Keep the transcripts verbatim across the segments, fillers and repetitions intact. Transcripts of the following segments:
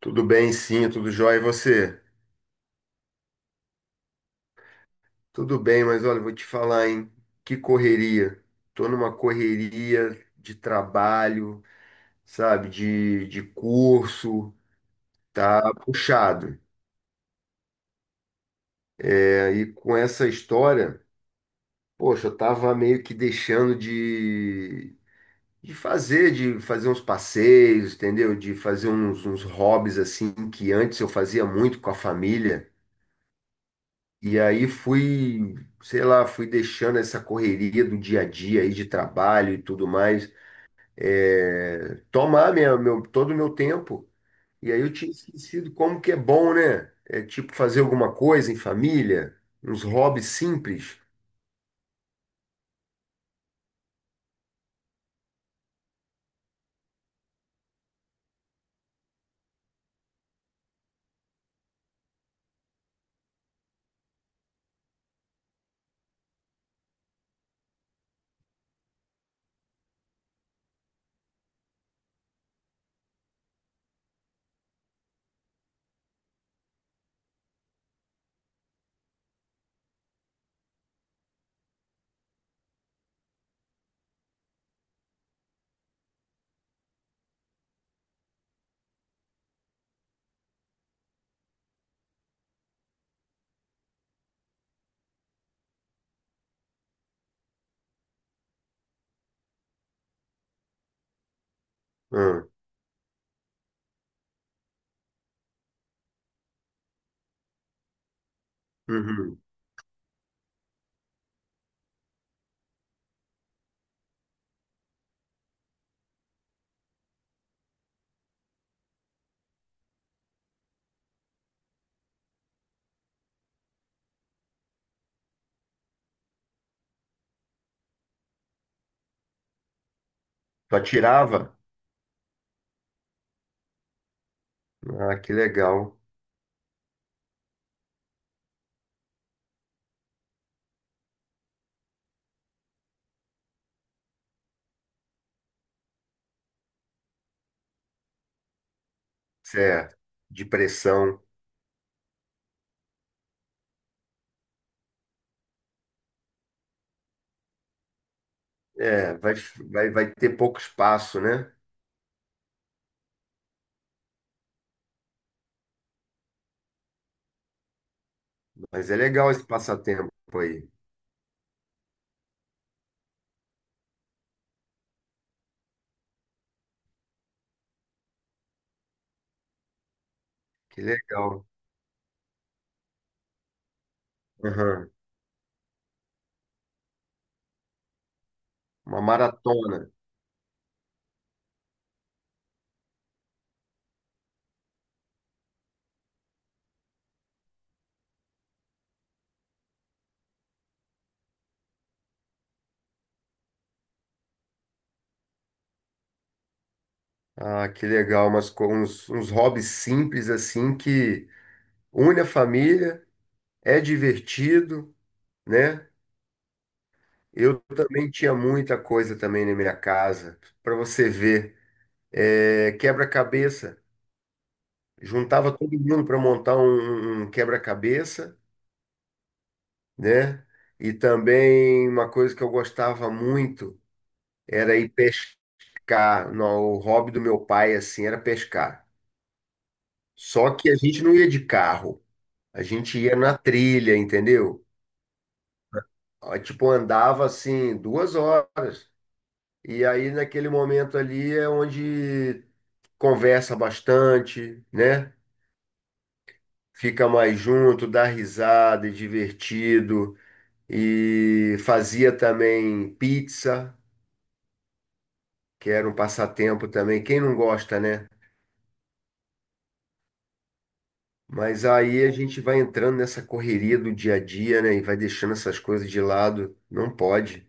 Tudo bem, sim, tudo jóia. E você? Tudo bem, mas olha, vou te falar, hein? Que correria. Tô numa correria de trabalho, sabe? De, de curso, tá puxado. É, e com essa história, poxa, eu tava meio que deixando de, de fazer, de fazer uns passeios, entendeu? De fazer uns, uns hobbies assim que antes eu fazia muito com a família. E aí fui, sei lá, fui deixando essa correria do dia a dia aí de trabalho e tudo mais, é, tomar minha, meu, todo o meu tempo. E aí eu tinha esquecido como que é bom, né? É tipo fazer alguma coisa em família, uns hobbies simples. Ah, uhum. Tu atirava? Ah, que legal. Certo. De pressão. É, vai, vai, vai ter pouco espaço, né? Mas é legal esse passatempo aí. Que legal. Aham. Uma maratona. Ah, que legal, mas com uns, uns hobbies simples assim que une a família, é divertido, né? Eu também tinha muita coisa também na minha casa, para você ver, é, quebra-cabeça. Juntava todo mundo para montar um, um um quebra-cabeça, né? E também uma coisa que eu gostava muito era ir pescar. Não, o hobby do meu pai assim era pescar. Só que a gente não ia de carro. A gente ia na trilha, entendeu? Ah, tipo, andava assim duas horas. E aí, naquele momento ali, é onde conversa bastante, né? Fica mais junto, dá risada, é divertido. E fazia também pizza, que era um passatempo também. Quem não gosta, né? Mas aí a gente vai entrando nessa correria do dia a dia, né? E vai deixando essas coisas de lado. Não pode.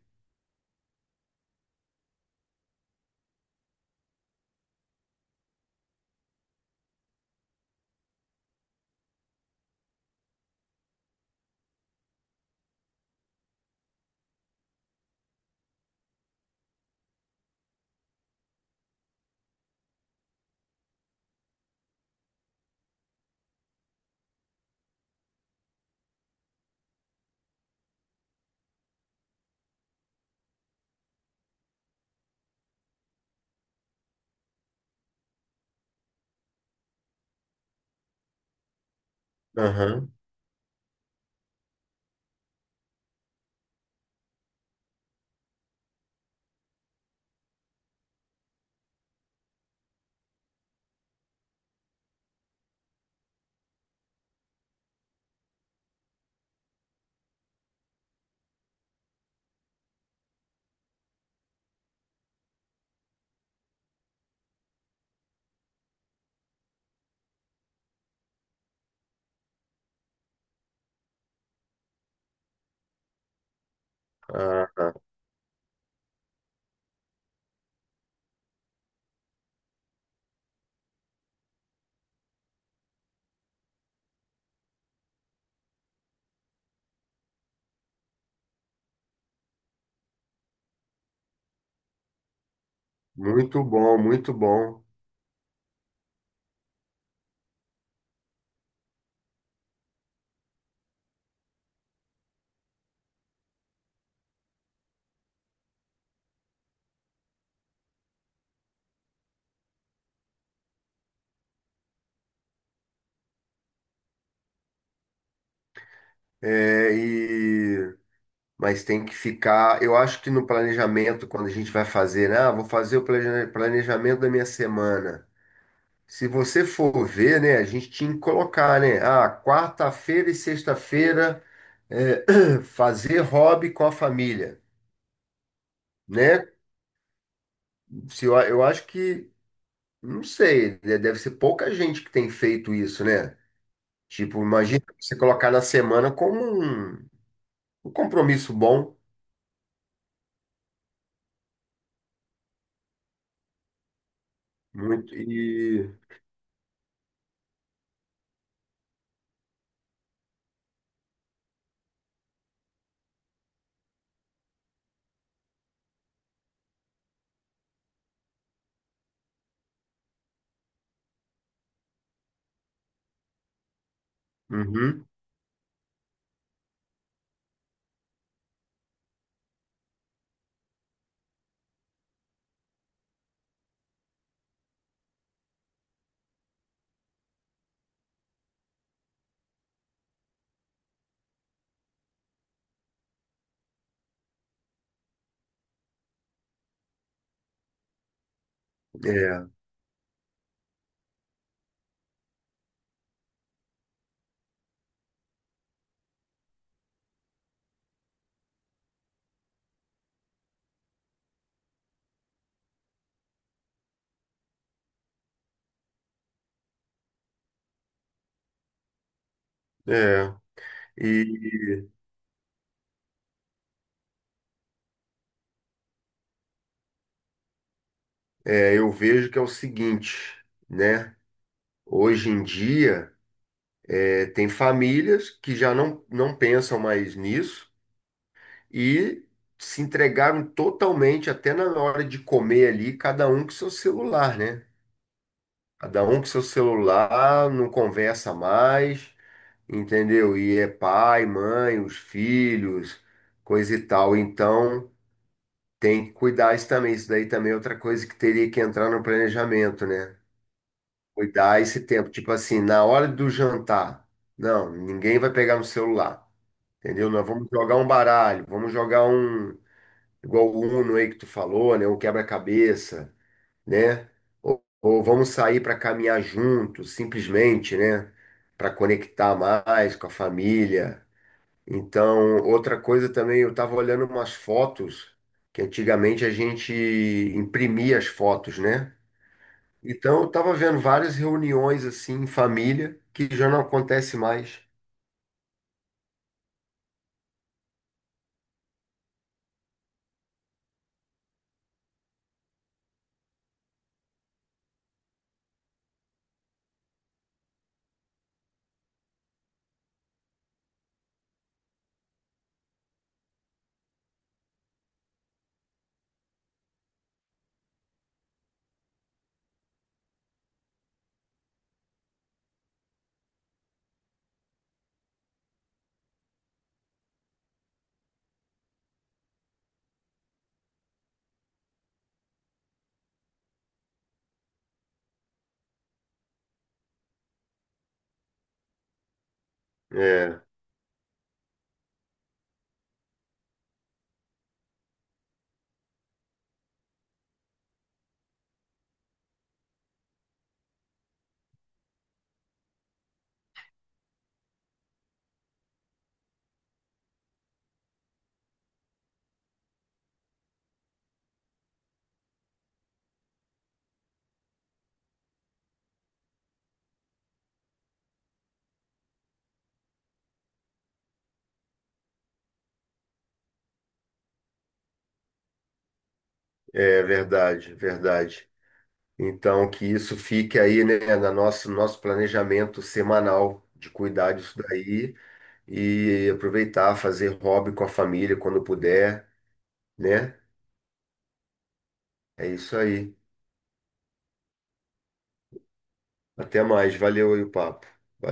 Aham. Ah, muito bom, muito bom. É, e. Mas tem que ficar. Eu acho que no planejamento, quando a gente vai fazer, né? Ah, vou fazer o plane- planejamento da minha semana. Se você for ver, né? A gente tinha que colocar, né? Ah, quarta-feira e sexta-feira, é, fazer hobby com a família, né? Se eu, eu acho que, não sei, né, deve ser pouca gente que tem feito isso, né? Tipo, imagina você colocar na semana como um um compromisso bom. Muito. E. Uhum, é, é. E é, eu vejo que é o seguinte, né? Hoje em dia, é, tem famílias que já não, não pensam mais nisso e se entregaram totalmente, até na hora de comer ali, cada um com seu celular, né? Cada um com seu celular, não conversa mais, entendeu? E é pai, mãe, os filhos, coisa e tal. Então. Tem que cuidar isso também. Isso daí também é outra coisa que teria que entrar no planejamento, né? Cuidar esse tempo. Tipo assim, na hora do jantar, não, ninguém vai pegar no celular. Entendeu? Nós vamos jogar um baralho, vamos jogar um, igual o Uno aí que tu falou, né? Um quebra-cabeça, né? Ou, ou vamos sair para caminhar juntos, simplesmente, né? Para conectar mais com a família. Então, outra coisa também, eu estava olhando umas fotos que antigamente a gente imprimia as fotos, né? Então, eu estava vendo várias reuniões assim em família que já não acontece mais. É, é verdade, verdade. Então, que isso fique aí, né, na nosso nosso planejamento semanal de cuidar disso daí e aproveitar, fazer hobby com a família quando puder, né? É isso aí. Até mais. Valeu aí o papo. Valeu.